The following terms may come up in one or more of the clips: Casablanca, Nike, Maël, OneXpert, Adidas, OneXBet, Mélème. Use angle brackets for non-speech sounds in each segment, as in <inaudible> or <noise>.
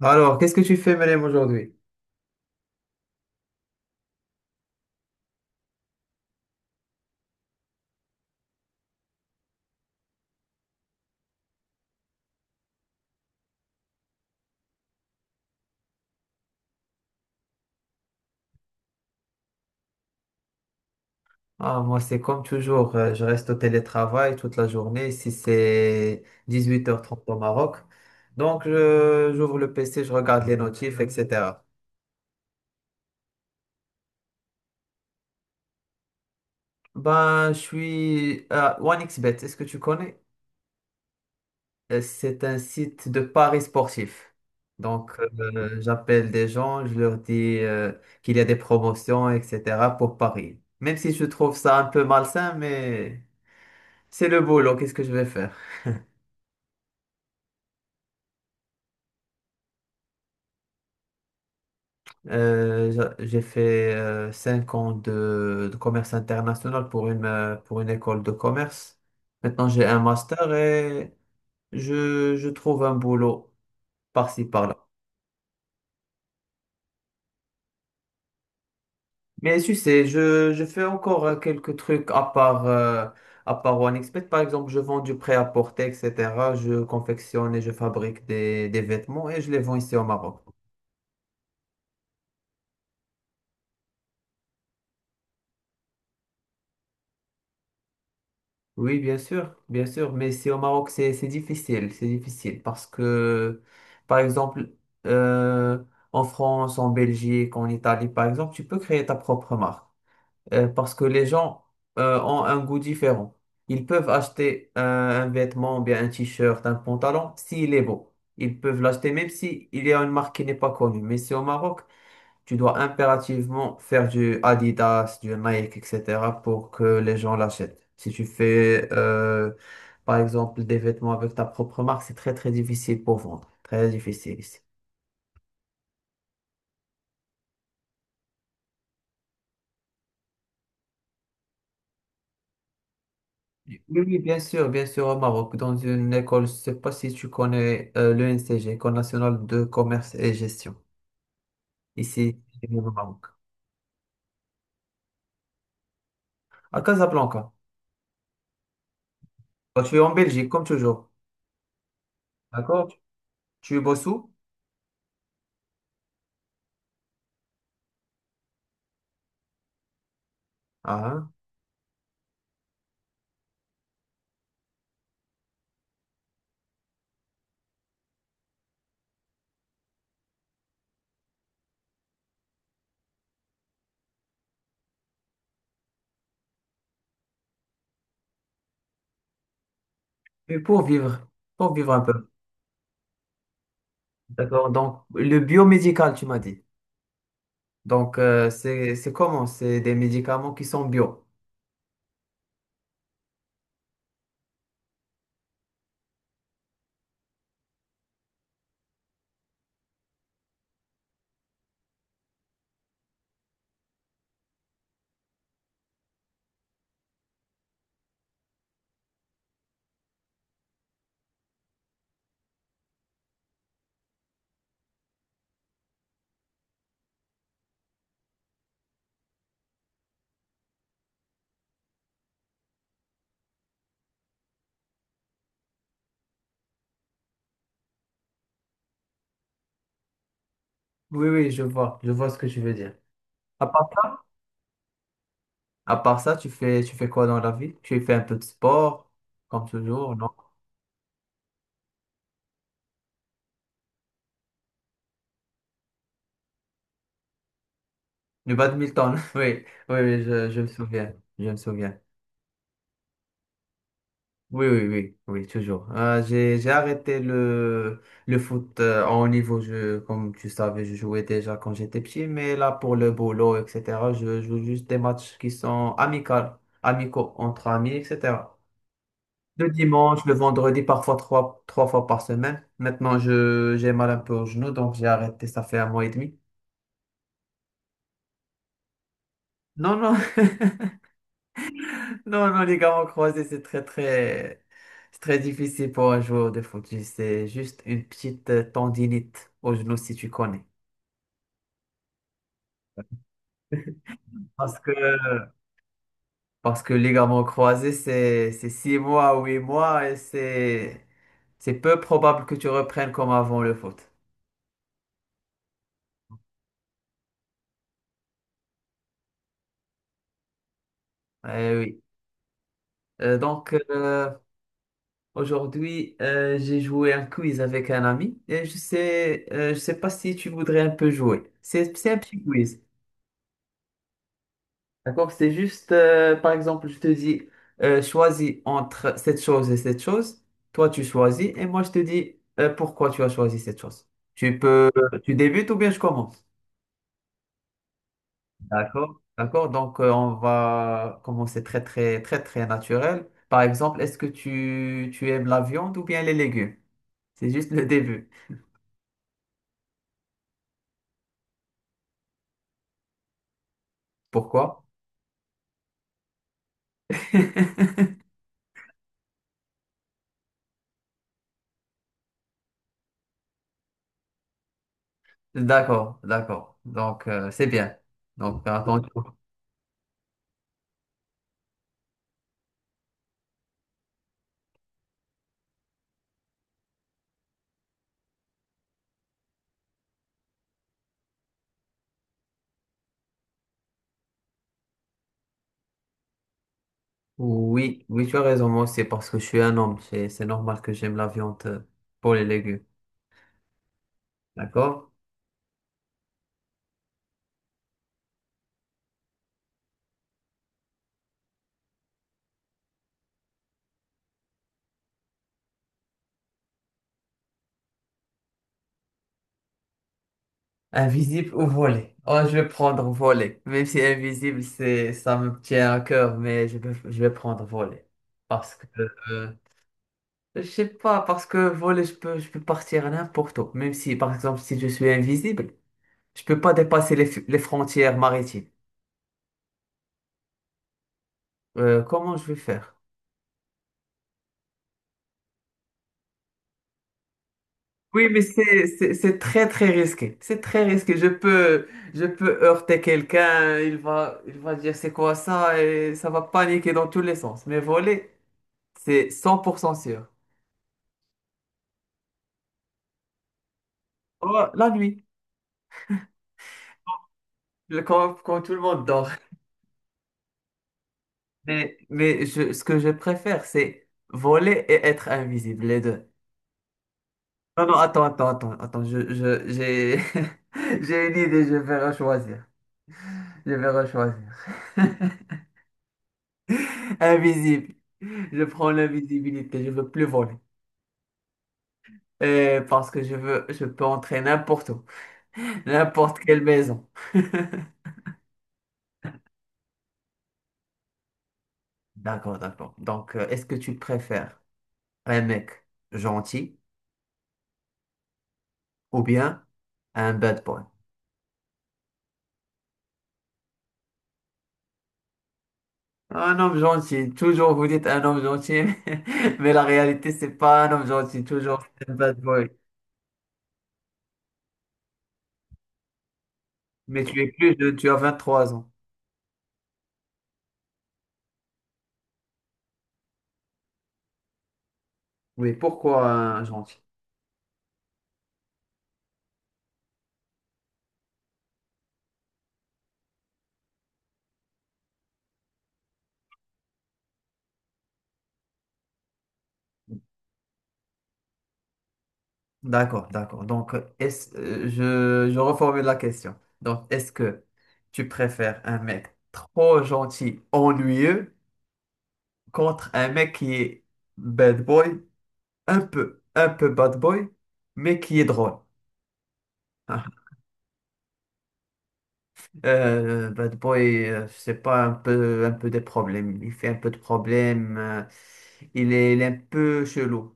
Alors, qu'est-ce que tu fais, Mélème, aujourd'hui? Ah, moi, c'est comme toujours, je reste au télétravail toute la journée, ici c'est 18h30 au Maroc. Donc, j'ouvre le PC, je regarde les notifs, etc. Ben, je suis à OneXBet, est-ce que tu connais? C'est un site de paris sportifs. Donc, j'appelle des gens, je leur dis qu'il y a des promotions, etc. pour Paris. Même si je trouve ça un peu malsain, mais c'est le boulot, qu'est-ce que je vais faire? J'ai fait 5 ans de commerce international pour une école de commerce. Maintenant, j'ai un master et je trouve un boulot par-ci, par-là. Mais tu sais, je fais encore quelques trucs à part OneXpert. Par exemple, je vends du prêt-à-porter, etc. Je confectionne et je fabrique des vêtements et je les vends ici au Maroc. Oui, bien sûr, mais c'est au Maroc, c'est difficile, c'est difficile parce que, par exemple, euh, en France, en Belgique, en Italie, par exemple, tu peux créer ta propre marque parce que les gens ont un goût différent. Ils peuvent acheter un vêtement, bien un t-shirt, un pantalon, s'il est beau. Ils peuvent l'acheter même si il y a une marque qui n'est pas connue. Mais c'est au Maroc, tu dois impérativement faire du Adidas, du Nike, etc. pour que les gens l'achètent. Si tu fais, par exemple, des vêtements avec ta propre marque, c'est très, très difficile pour vendre. Très difficile ici. Oui, oui, bien sûr, au Maroc, dans une école, je sais pas si tu connais l'ENCG, École nationale de commerce et gestion, ici au Maroc. À Casablanca. Toi, tu es en Belgique, comme toujours. D'accord? Tu es où? Ah, hein. Et pour vivre un peu. D'accord. Donc, le biomédical, tu m'as dit. Donc, c'est comment? C'est des médicaments qui sont bio. Oui, oui, je vois. Je vois ce que tu veux dire. À part ça, à part ça, tu fais quoi dans la vie? Tu fais un peu de sport, comme toujours, non? Le badminton. <laughs> Oui, oui, oui, je me souviens. Je me souviens. Oui, oui, oui, oui, toujours. J'ai arrêté le foot en haut niveau. Je, comme tu savais, je jouais déjà quand j'étais petit, mais là, pour le boulot, etc., je joue juste des matchs qui sont amicaux, amicaux entre amis, etc. Le dimanche, le vendredi, parfois trois fois par semaine. Maintenant, j'ai mal un peu au genou, donc j'ai arrêté, ça fait un mois et demi. Non, non, <laughs> Non, non, les gammes croisés, c'est très, très, c'est très difficile pour un joueur de foot. C'est juste une petite tendinite au genou, si tu connais. Parce que, parce que les gammes croisés, c'est 6 mois, 8 mois, et c'est peu probable que tu reprennes comme avant le foot. Eh oui. Euh, donc, euh, Aujourd'hui, j'ai joué un quiz avec un ami, et je sais pas si tu voudrais un peu jouer. C'est un petit quiz. D'accord? C'est juste, par exemple, je te dis, choisis entre cette chose et cette chose. Toi, tu choisis et moi, je te dis, pourquoi tu as choisi cette chose. Tu peux, tu débutes ou bien je commence. D'accord? D'accord? Donc, on va commencer très, très, très, très naturel. Par exemple, est-ce que tu aimes la viande ou bien les légumes? C'est juste le début. Pourquoi? <laughs> D'accord, d'accord. Donc, c'est bien. Donc, attends. Oui, oui, tu as raison, moi aussi, parce que je suis un homme, c'est normal que j'aime la viande pour les légumes, d'accord? Invisible ou volé? Oh, je vais prendre volé, même si invisible, ça me tient à cœur, mais je vais prendre volé, parce que, euh, je sais pas, parce que volé, je peux partir à n'importe où, même si, par exemple, si je suis invisible, je peux pas dépasser les frontières maritimes. Comment je vais faire? Oui, mais c'est très très risqué. C'est très risqué. Je peux heurter quelqu'un, il va dire c'est quoi ça et ça va paniquer dans tous les sens. Mais voler, c'est 100% sûr. Oh, la nuit, quand tout le monde dort. Ce que je préfère, c'est voler et être invisible, les deux. Non non, attends, je j'ai <laughs> j'ai une idée, je vais rechoisir. Je vais rechoisir. <laughs> Invisible. Je prends l'invisibilité, je veux plus voler. Parce que je peux entrer n'importe où, <laughs> n'importe quelle maison. <laughs> D'accord, d'accord. Donc, est-ce que tu préfères un mec gentil ou bien un bad boy? Un homme gentil. Toujours vous dites un homme gentil, <laughs> mais la réalité, c'est pas un homme gentil. Toujours c'est un bad boy. Mais tu es plus jeune, tu as 23 ans. Oui, pourquoi un gentil? D'accord, d'accord. Donc, je reformule la question. Donc, est-ce que tu préfères un mec trop gentil, ennuyeux, contre un mec qui est bad boy, un peu bad boy, mais qui est drôle? Ah, bad boy, je pas, un peu des problèmes. Il fait un peu de problèmes. Il est un peu chelou.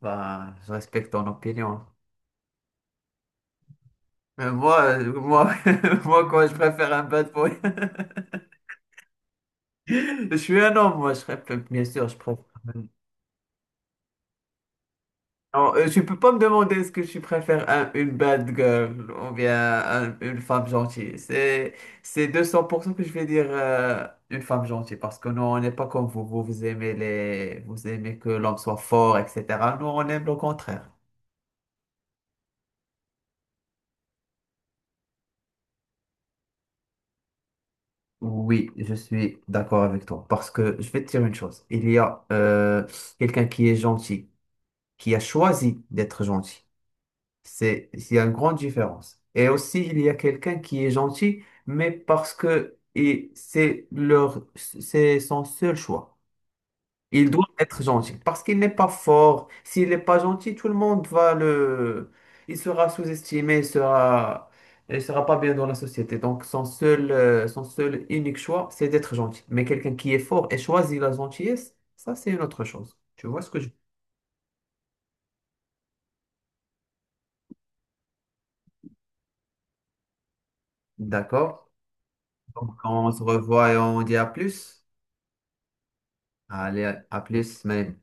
Bah, je respecte ton opinion. Mais moi, <laughs> moi, quoi, je préfère un bad boy. Je suis un homme, moi, je préfère, bien sûr, je préfère. Non, tu peux pas me demander est-ce que je préfère une bad girl ou bien une femme gentille. C'est 200% que je vais dire une femme gentille parce que nous, on n'est pas comme vous. Vous, vous aimez que l'homme soit fort, etc. Nous, on aime le contraire. Oui, je suis d'accord avec toi parce que je vais te dire une chose. Il y a quelqu'un qui est gentil, qui a choisi d'être gentil. Il y a une grande différence. Et aussi, il y a quelqu'un qui est gentil, mais parce que et c'est son seul choix. Il doit être gentil parce qu'il n'est pas fort. S'il n'est pas gentil, tout le monde va le, il sera sous-estimé, il sera pas bien dans la société. Donc, son seul unique choix, c'est d'être gentil. Mais quelqu'un qui est fort et choisit la gentillesse, ça, c'est une autre chose. Tu vois ce que je... D'accord. Donc, on se revoit et on dit à plus. Allez, à plus, Maël.